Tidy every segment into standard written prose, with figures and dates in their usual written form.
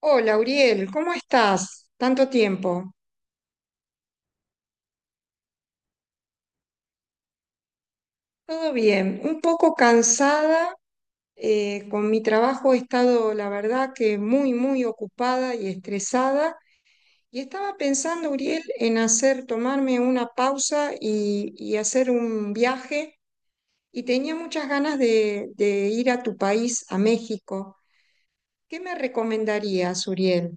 Hola, Uriel, ¿cómo estás? Tanto tiempo. Todo bien, un poco cansada. Con mi trabajo he estado, la verdad, que muy, muy ocupada y estresada. Y estaba pensando, Uriel, en hacer, tomarme una pausa y hacer un viaje. Y tenía muchas ganas de ir a tu país, a México. ¿Qué me recomendarías, Uriel?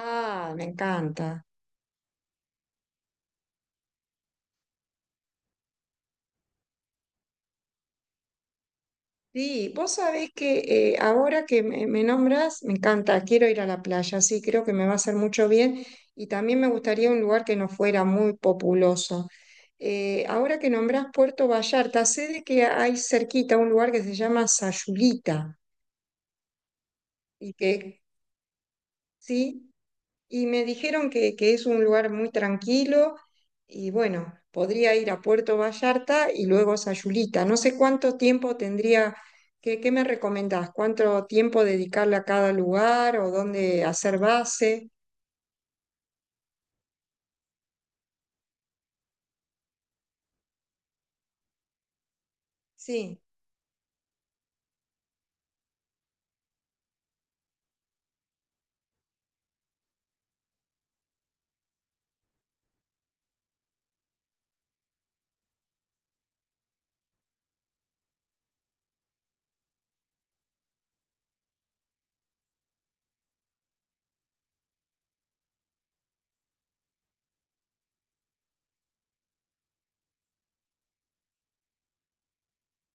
Ah, me encanta. Sí, vos sabés que ahora que me nombras, me encanta, quiero ir a la playa, sí, creo que me va a hacer mucho bien y también me gustaría un lugar que no fuera muy populoso. Ahora que nombrás Puerto Vallarta, sé de que hay cerquita un lugar que se llama Sayulita y que, sí, y me dijeron que es un lugar muy tranquilo y bueno, podría ir a Puerto Vallarta y luego a Sayulita. No sé cuánto tiempo tendría, qué me recomendás? ¿Cuánto tiempo dedicarle a cada lugar o dónde hacer base? Sí.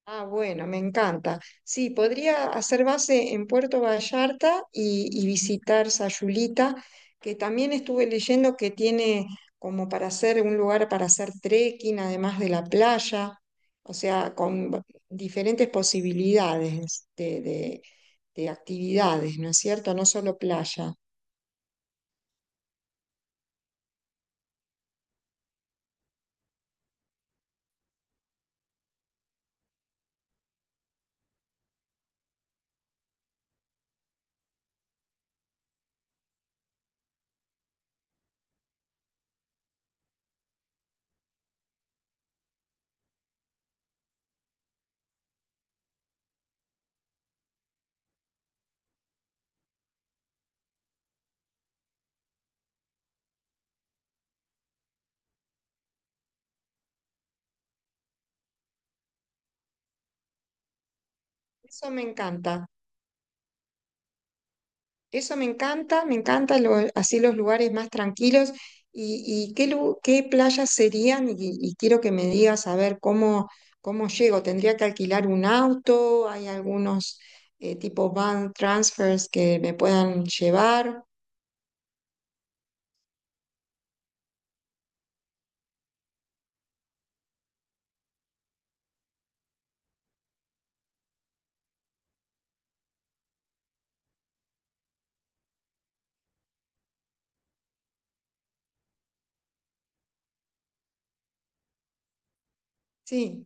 Ah, bueno, me encanta. Sí, podría hacer base en Puerto Vallarta y visitar Sayulita, que también estuve leyendo que tiene como para hacer un lugar para hacer trekking, además de la playa, o sea, diferentes posibilidades de actividades, ¿no es cierto? No solo playa. Eso me encanta. Eso me encanta así los lugares más tranquilos. ¿Y, qué playas serían? Y quiero que me digas a ver cómo, cómo llego. ¿Tendría que alquilar un auto? ¿Hay algunos tipo van transfers que me puedan llevar? Sí.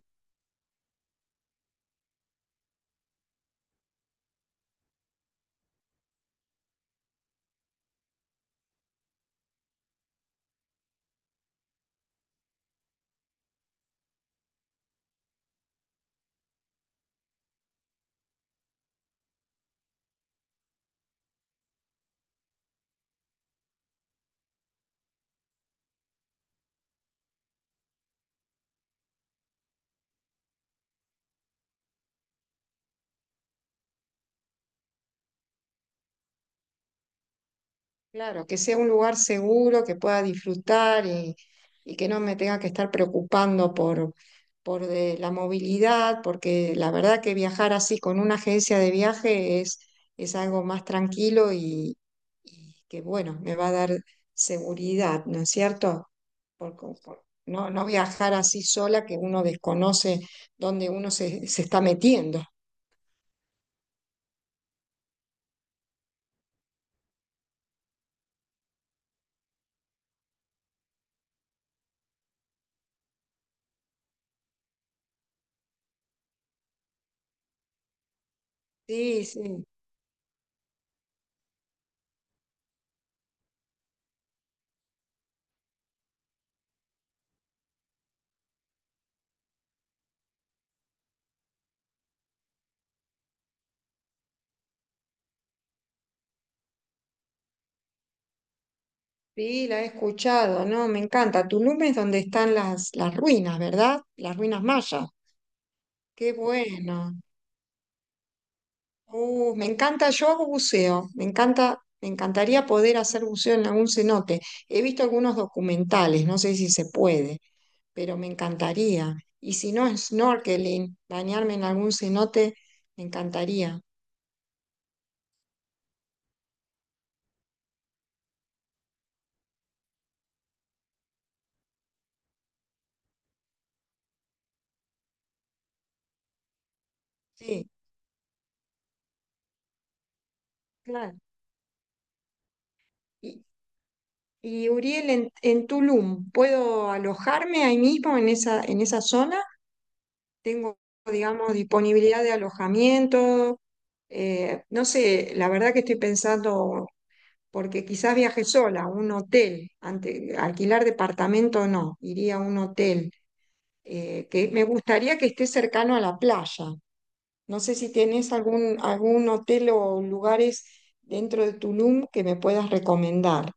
Claro, que sea un lugar seguro, que pueda disfrutar y que no me tenga que estar preocupando por, de la movilidad, porque la verdad que viajar así con una agencia de viaje es algo más tranquilo y que bueno, me va a dar seguridad, ¿no es cierto? No, no viajar así sola que uno desconoce dónde uno se está metiendo. Sí, sí. Sí, la he escuchado, ¿no? Me encanta. Tulum es donde están las ruinas, ¿verdad? Las ruinas mayas. Qué bueno. Me encanta, yo hago buceo, me encanta, me encantaría poder hacer buceo en algún cenote. He visto algunos documentales, no sé si se puede, pero me encantaría. Y si no, snorkeling, bañarme en algún cenote, me encantaría. Sí, claro. Y, y Uriel, en Tulum, ¿puedo alojarme ahí mismo en en esa zona? Tengo, digamos, disponibilidad de alojamiento. No sé, la verdad que estoy pensando, porque quizás viaje sola, a un hotel, ante, alquilar departamento no, iría a un hotel, que me gustaría que esté cercano a la playa. No sé si tenés algún, algún hotel o lugares dentro de Tulum que me puedas recomendar.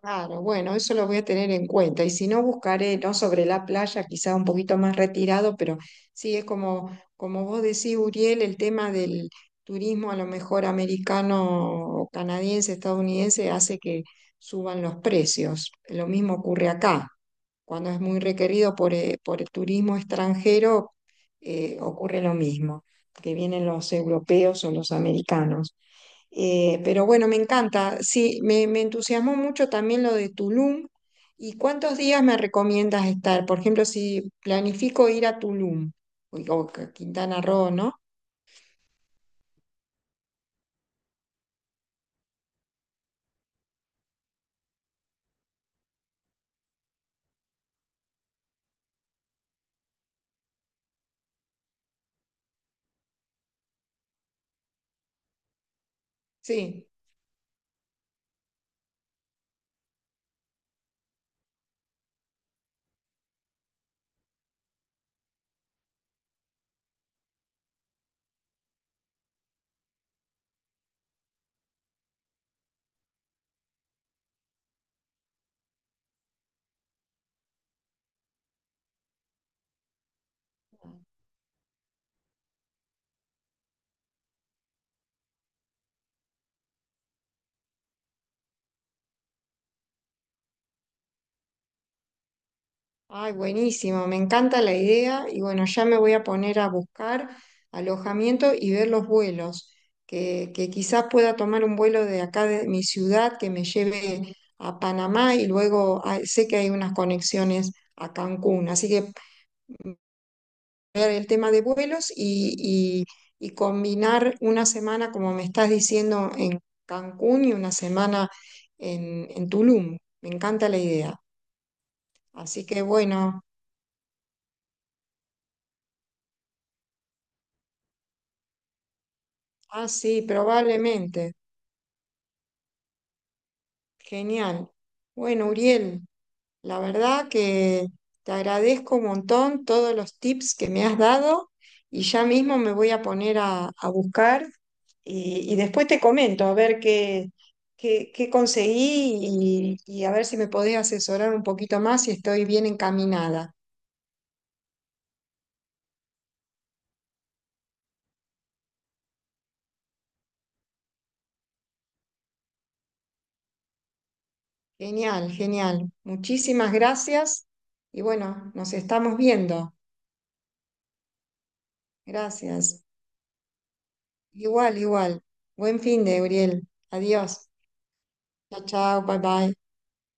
Claro, bueno, eso lo voy a tener en cuenta. Y si no, buscaré, no sobre la playa, quizá un poquito más retirado, pero sí es como, como vos decís, Uriel, el tema del turismo a lo mejor americano, o canadiense, estadounidense, hace que suban los precios. Lo mismo ocurre acá. Cuando es muy requerido por el turismo extranjero, ocurre lo mismo, que vienen los europeos o los americanos. Pero bueno, me encanta. Sí, me entusiasmó mucho también lo de Tulum. ¿Y cuántos días me recomiendas estar? Por ejemplo, si planifico ir a Tulum o a Quintana Roo, ¿no? Sí. Ay, buenísimo. Me encanta la idea. Y bueno, ya me voy a poner a buscar alojamiento y ver los vuelos. Que quizás pueda tomar un vuelo de acá de mi ciudad que me lleve a Panamá y luego ah, sé que hay unas conexiones a Cancún. Así que. El tema de vuelos y combinar una semana, como me estás diciendo, en Cancún y una semana en Tulum. Me encanta la idea. Así que bueno, ah, sí, probablemente. Genial. Bueno, Uriel, la verdad que te agradezco un montón todos los tips que me has dado y ya mismo me voy a poner a buscar y después te comento a ver qué conseguí y a ver si me podés asesorar un poquito más si estoy bien encaminada. Genial, genial. Muchísimas gracias y bueno, nos estamos viendo. Gracias. Igual, igual. Buen fin de, Uriel. Adiós. Chao, chao, bye bye.